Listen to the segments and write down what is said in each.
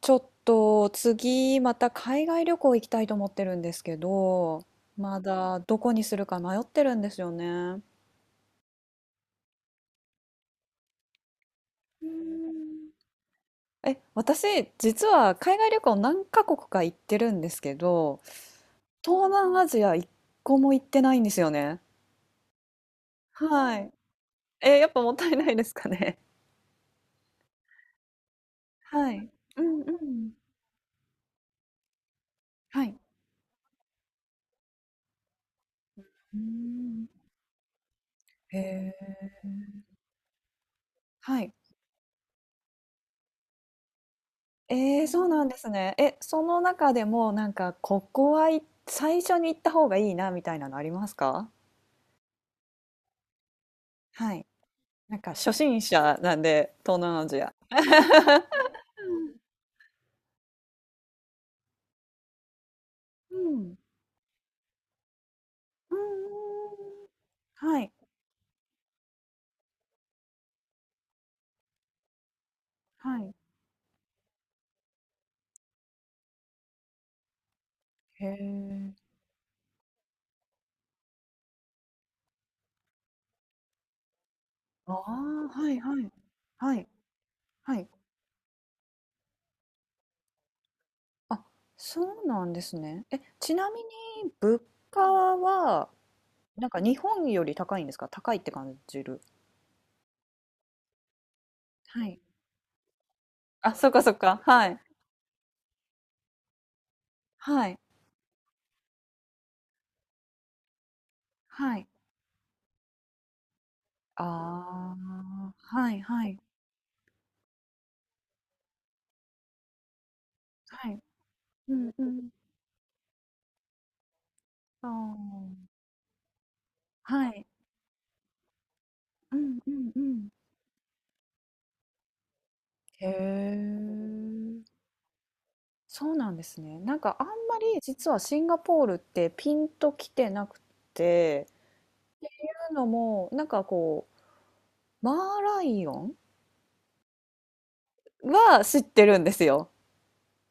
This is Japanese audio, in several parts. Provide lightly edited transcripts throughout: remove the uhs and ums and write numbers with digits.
ちょっと次また海外旅行行きたいと思ってるんですけど、まだどこにするか迷ってるんですよね。うーん。え、私実は海外旅行何カ国か行ってるんですけど、東南アジア一個も行ってないんですよね。はい。え、やっぱもったいないですかね。はい。うんうん。はい。うーん。へえ。はい。えーそうなんですね。え、その中でもなんかここは、最初に行った方がいいなみたいなのありますか？はい。なんか初心者なんで、東南アジア。うん、うん。うんうんうん。はい、はい。へえ。ああ、はいはい。はい、はい。あ、そうなんですね。え、ちなみに物価は、なんか日本より高いんですか？高いって感じる。はい。あ、そっかそっか。はい。はい。はい。ああ、はいはい。はい。うんうん。ああ、はい。うんうんうん。へえ。そうなんですね。なんかあんまり実はシンガポールってピンときてなくて、というのも、なんかこう、マーライオンは知ってるんですよ。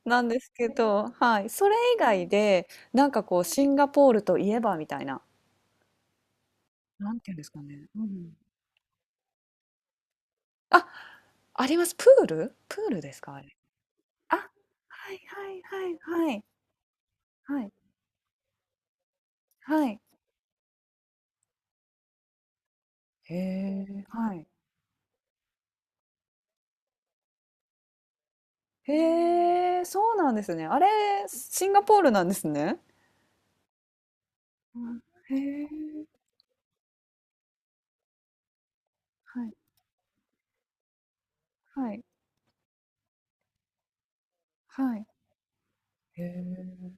なんですけど、はい。それ以外で、なんかこう、シンガポールといえばみたいな。なんていうんですかね。うん。あ、あります。プールですか？あ、はいはいはいはい。はい、はい。へえ、はい。へえ、そうなんですね。あれ、シンガポールなんですね。うん、へえ、はいはいはい。へえ。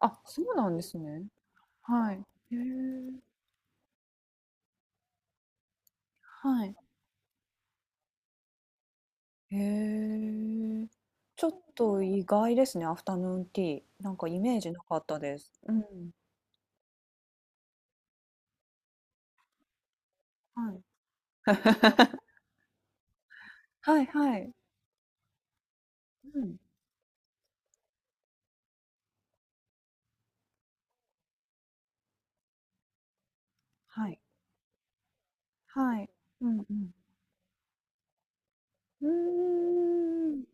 あ、そうなんですね。はい。へえ、はい。へえ。ちょっと意外ですね、アフタヌーンティー。なんかイメージなかったです。うん。はい。はいはい。うん。はい。はい。うんうん。うーん。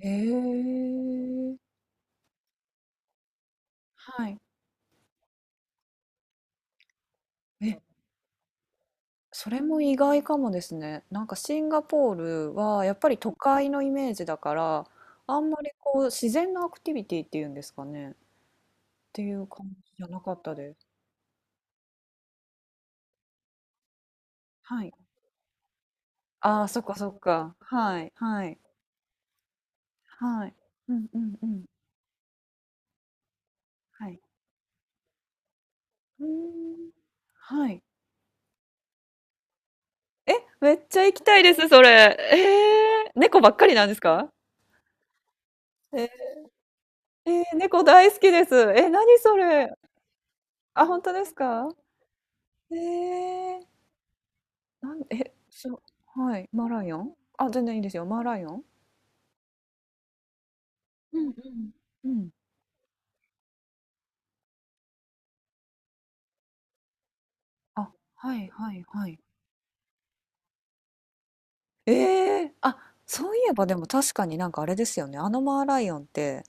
へえ。はい。え、それも意外かもですね。なんかシンガポールはやっぱり都会のイメージだから、あんまりこう自然のアクティビティっていうんですかね。っていう感じじゃなかったです。はい。ああ、そっかそっか。はい、はい、はい。うんうんうん。はい。うーん。はい。え、めっちゃ行きたいです、それ。えー、猫ばっかりなんですか？えー、えー猫大好きです。え、何それ。あ、本当ですか？ええ、なん、え、そう、はい、マーライオン？あ、全然いいですよ。マーライオン？うんうん。うん。あ、はいはいはい。ええ、あ、そういえばでも確かになんかあれですよね。あのマーライオンって、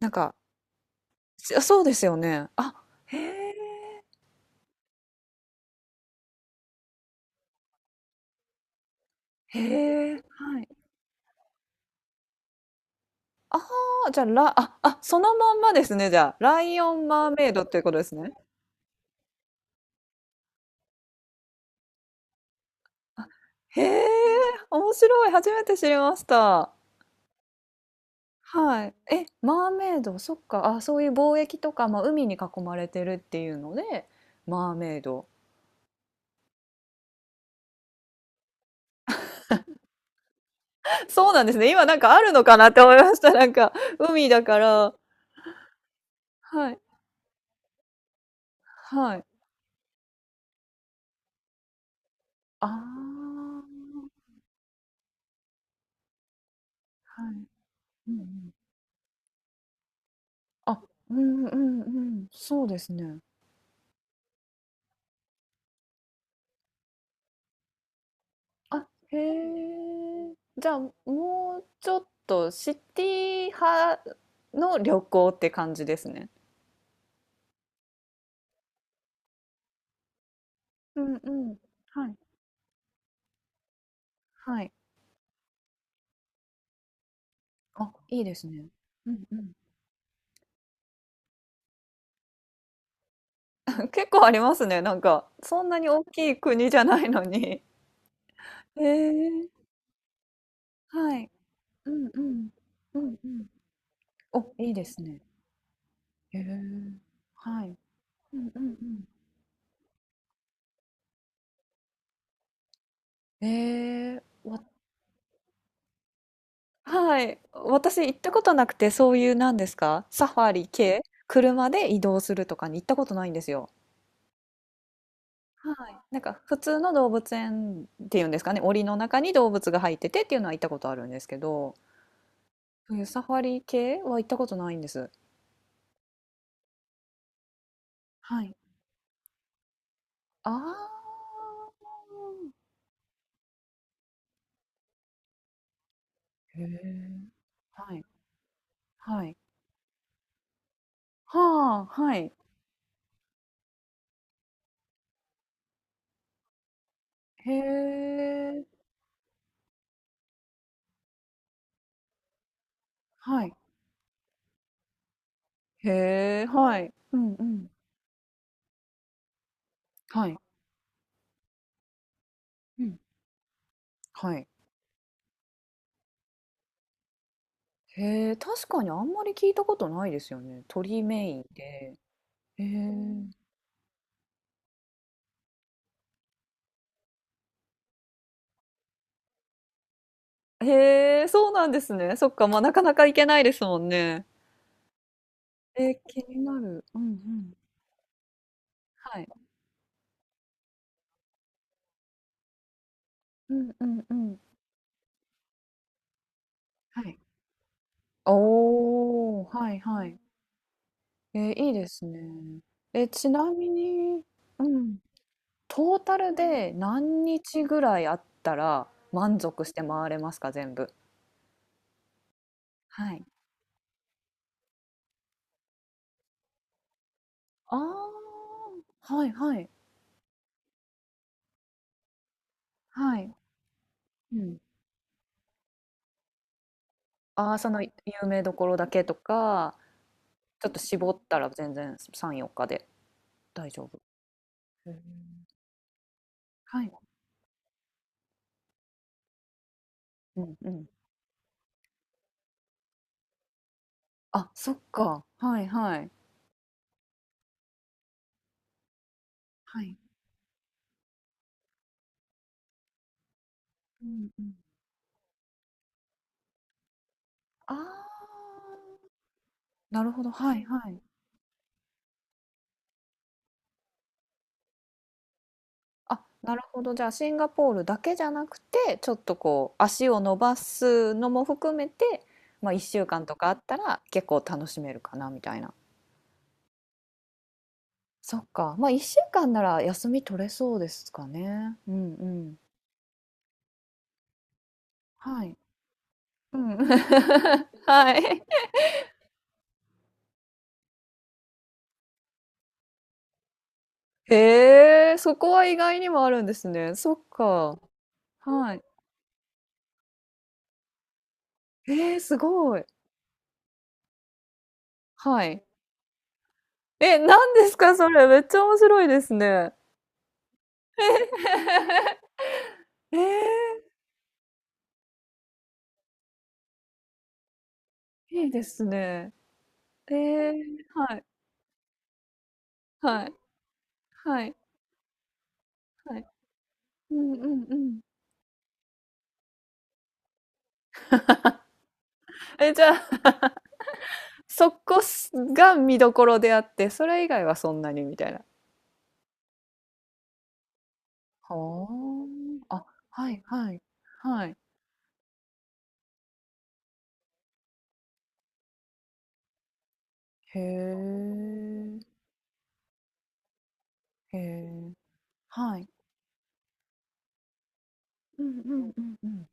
なんか、そうですよね。あ、へえ、へえ、はい。じゃあ、らあ、あ、そのまんまですね、じゃあ。ライオン、マーメイドっていうことですね。あ、へえ、面白い、初めて知りました。はい。え、マーメイド、そっか。あ、そういう貿易とか、まあ、海に囲まれてるっていうので、マーメイド。そうなんですね。今なんかあるのかなって思いました。なんか、海だから。はい。はい。ああ。はい。うんうん。あ、うんうんうん。そうですね。あ、へえ。じゃあ、もうちょっとシティ派の旅行って感じですね。うんうん。はい。はい。あ、いいですね。うんうん。結構ありますね。なんか、そんなに大きい国じゃないのに。へえ、はい。うんうん。うんうん。お、いいですね。へえ。はい。うんうんうん。ええ、はい。私行ったことなくて、そういうなんですか、サファリ系、車で移動するとかに行ったことないんですよ。はい。なんか普通の動物園っていうんですかね、檻の中に動物が入っててっていうのは行ったことあるんですけど。そういうサファリ系は行ったことないんです。はい。ああ。へえ。はい、はい。はあ、はい。へえ、はい。へえ、はい。うんうん。はい。うん。はい。へえ、確かにあんまり聞いたことないですよね。鳥メインで。へえ。へえ、そうなんですね。そっか、まあ、なかなか行けないですもんね。えー、気になる。うんうん。はい。うんうんうん。はい。おお、はいはい。えー、いいですね。え、ちなみに、うん、トータルで何日ぐらいあったら満足して回れますか、全部。はい。ああ、はいはいはい。うん。ああ、その有名どころだけとか、ちょっと絞ったら全然3、4日で大丈夫。へーはい。うんうん。あ、そっか。はいはい。はい。うんうん。ああ、なるほど。はいはい。あ、なるほど。じゃあシンガポールだけじゃなくて、ちょっとこう足を伸ばすのも含めて、まあ1週間とかあったら結構楽しめるかなみたいな。そっか。まあ1週間なら休み取れそうですかね。うんうん。はい。うん。はい。へえ、そこは意外にもあるんですね。そっか。はい。えー、すごい。はい。え、何ですかそれ。めっちゃ面白いですね。えー、いいですね。えー、はい。はい。はい、はい。うんうんうん。え、じゃあ、そこすが見どころであって、それ以外はそんなにみたいな。はあ。あ、はいはい。はい。へえ。へえ。はい。うんうんうんうん。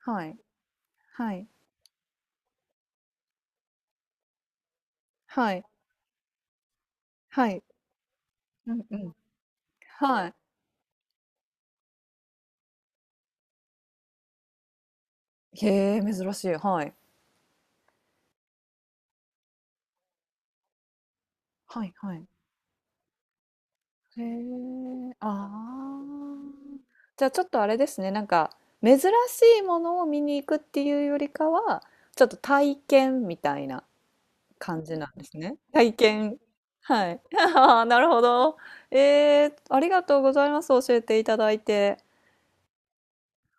はい。はい。はい。はい。うんうん。はい。へえ、珍しい。はい。はいはい。へえ、ああ。じゃあちょっとあれですね、なんか珍しいものを見に行くっていうよりかは、ちょっと体験みたいな感じなんですね。体験。はい。ああ、なるほど。えー、ありがとうございます。教えていただいて。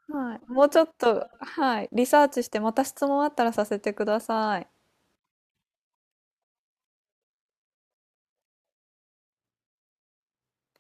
はい。もうちょっと、はい。リサーチしてまた質問あったらさせてください。